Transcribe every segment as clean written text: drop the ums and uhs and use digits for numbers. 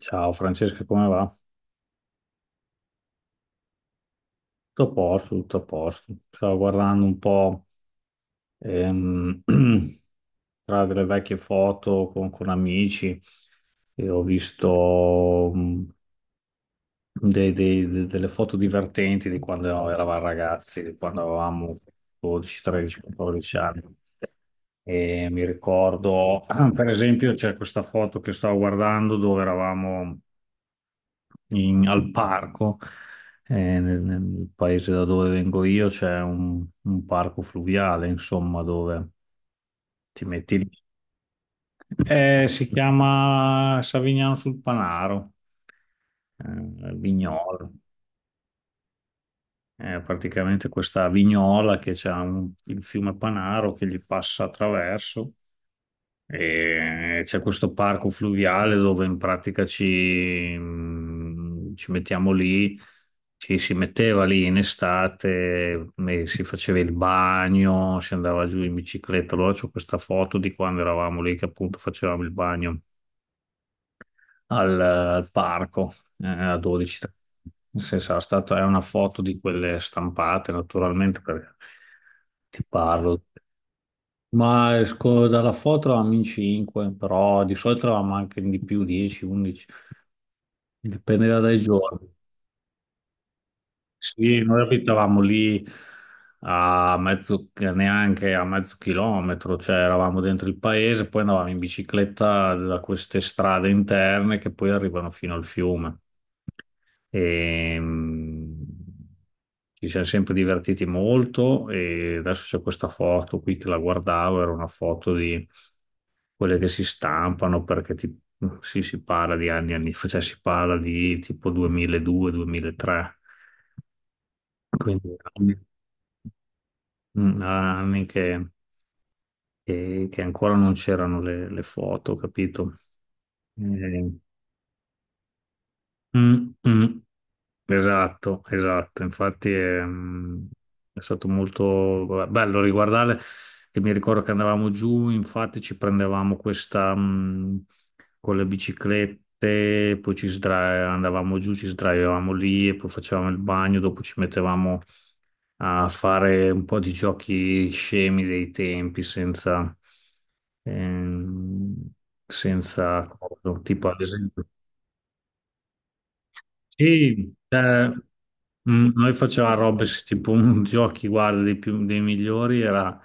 Ciao Francesca, come va? Tutto a posto, tutto a posto. Stavo guardando un po' ehm, tra delle vecchie foto con amici e ho visto delle foto divertenti di quando eravamo ragazzi, di quando avevamo 12, 13, 14 anni. E mi ricordo, per esempio, c'è questa foto che stavo guardando dove eravamo al parco, nel paese da dove vengo io c'è un parco fluviale, insomma, dove ti metti lì. Si chiama Savignano sul Panaro, Vignola. È praticamente questa vignola che c'ha il fiume Panaro che gli passa attraverso. E c'è questo parco fluviale dove in pratica ci mettiamo lì, ci si metteva lì in estate, e si faceva il bagno, si andava giù in bicicletta. Allora c'ho questa foto di quando eravamo lì che appunto facevamo il bagno al parco, a 12. Nel senso, è una foto di quelle stampate naturalmente perché ti parlo. Ma esco dalla foto eravamo in 5, però di solito eravamo anche di più, 10, 11, dipendeva dai giorni. Sì, noi abitavamo lì a mezzo, neanche a mezzo chilometro, cioè eravamo dentro il paese, poi andavamo in bicicletta da queste strade interne che poi arrivano fino al fiume. E, mm, Ci siamo sempre divertiti molto e adesso c'è questa foto qui che la guardavo, era una foto di quelle che si stampano perché sì, si parla di anni e anni fa, cioè si parla di tipo 2002-2003, quindi anni, anni che ancora non c'erano le foto, capito? Eh, mm, mm. Esatto, esatto, infatti è, è stato molto bello riguardare, che mi ricordo che andavamo giù, infatti ci prendevamo questa con le biciclette, poi andavamo giù, ci sdraiavamo lì e poi facevamo il bagno, dopo ci mettevamo a fare un po' di giochi scemi dei tempi senza, ehm, senza, tipo ad esempio. Sì, cioè, noi facevamo robe, tipo un giochi, guarda, dei migliori era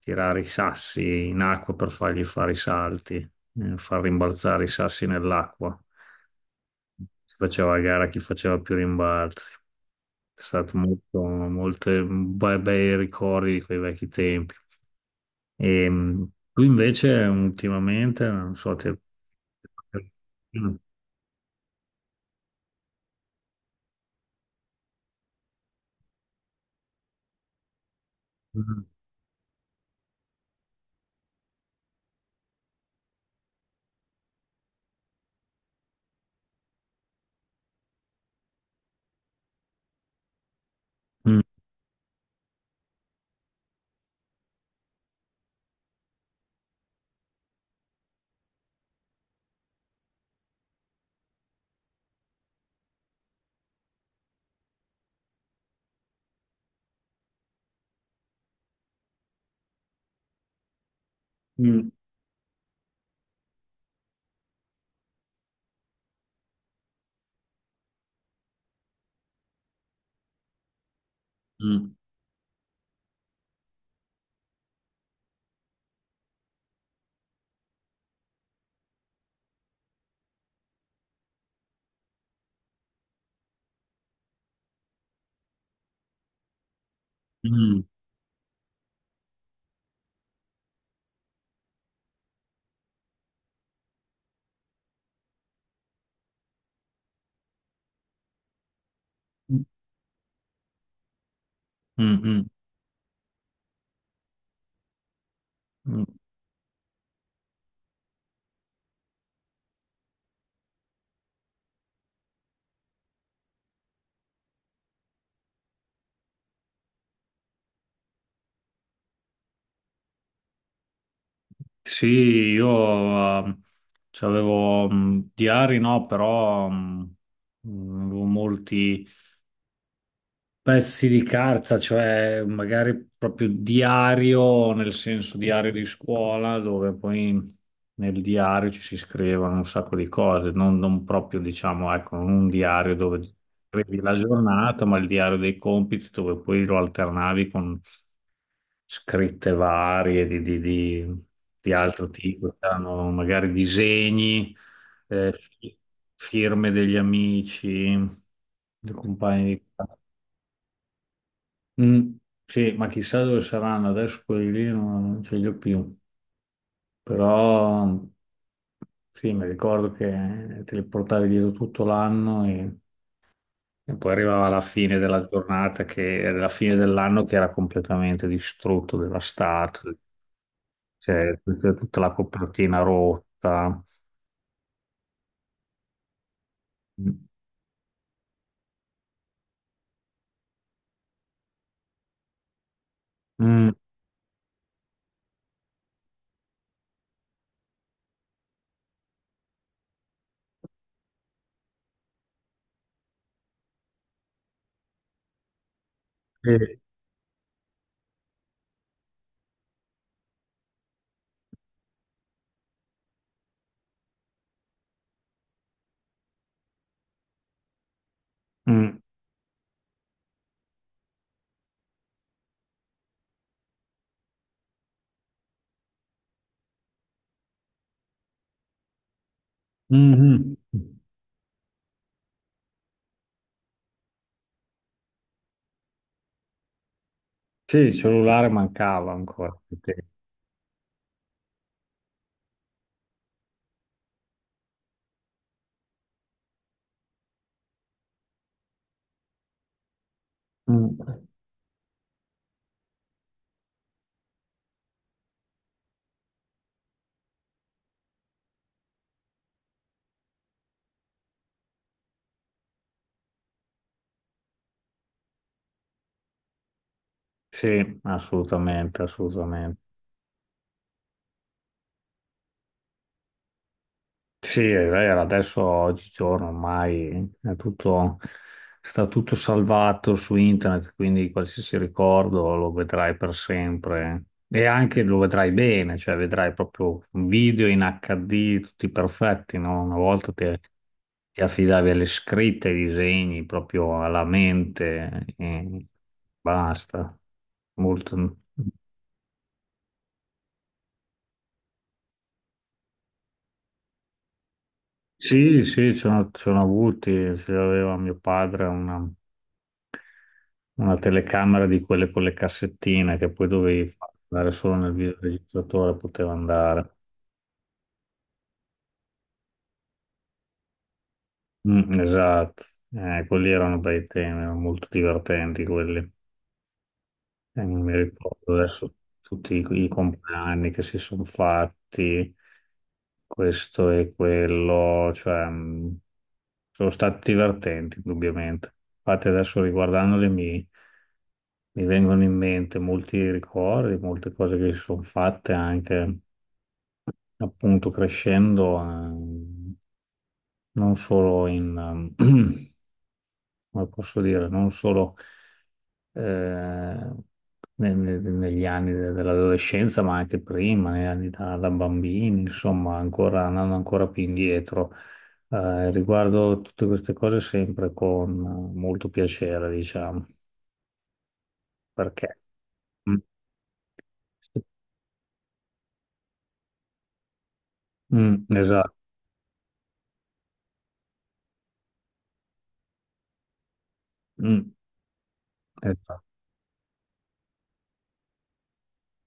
tirare i sassi in acqua per fargli fare i salti, far rimbalzare i sassi nell'acqua. Si faceva a gara chi faceva più rimbalzi. È stato molto, molte bei ricordi di quei vecchi tempi. E, mm, Tu invece ultimamente, non so, ti... Mm, mm, mm, mm, mm. Mm. Mm. Mm, mm, mm. Sì, io ehm, c'avevo diari, no, però avevo molti, pezzi di carta, cioè magari proprio diario, nel senso diario di scuola, dove poi nel diario ci si scrivono un sacco di cose, non proprio diciamo, ecco, non un diario dove scrivi la giornata, ma il diario dei compiti dove poi lo alternavi con scritte varie di altro tipo, c'erano magari disegni, eh, firme degli amici, dei compagni di. Mm, sì, ma chissà dove saranno adesso quelli lì, non ce li ho più. Però sì, mi ricordo che te li portavi dietro tutto l'anno e poi arrivava la fine della giornata, che era la fine dell'anno che era completamente distrutto, devastato, cioè tutta la copertina rotta. Mm, mm, sì, mm, mhm. Sì, il cellulare mancava ancora. Sì, mm, sì, assolutamente, assolutamente. Sì, è vero, adesso oggigiorno ormai è tutto, sta tutto salvato su internet, quindi qualsiasi ricordo lo vedrai per sempre e anche lo vedrai bene, cioè vedrai proprio un video in HD tutti perfetti, no? Una volta ti affidavi alle scritte, ai disegni, proprio alla mente e basta. Molto... Sì, sì, ci sono avuti, ce l'aveva mio padre una telecamera di quelle con le cassettine che poi dovevi far andare solo nel videoregistratore, poteva andare. Mm, esatto. Quelli erano bei temi, erano molto divertenti quelli. Non mi ricordo adesso tutti i compleanni che si sono fatti, questo e quello, cioè sono stati divertenti, indubbiamente. Infatti adesso riguardandoli mi vengono in mente molti ricordi, molte cose che si sono fatte anche appunto crescendo, non solo in, ehm, come posso dire, non solo eh, negli anni dell'adolescenza, ma anche prima, negli anni da bambini, insomma, ancora, andando ancora più indietro. Riguardo tutte queste cose sempre con molto piacere, diciamo, perché... Mm, mm, esatto, mm, esatto,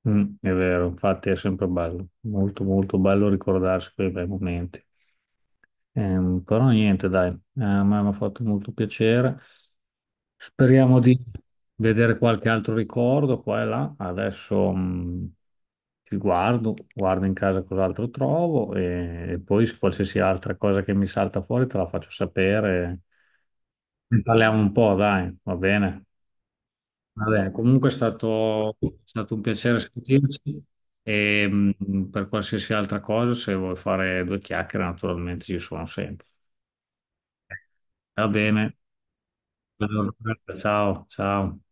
mm, è vero, infatti è sempre bello, molto molto bello ricordarsi quei bei momenti. Però niente, dai, mi hanno fatto molto piacere. Speriamo di vedere qualche altro ricordo qua e là. Adesso guardo in casa cos'altro trovo e poi se qualsiasi altra cosa che mi salta fuori te la faccio sapere. Ne parliamo un po', dai, va bene. Va bene, comunque è stato un piacere sentirci e per qualsiasi altra cosa, se vuoi fare due chiacchiere, naturalmente ci sono sempre. Va bene, allora, ciao, ciao.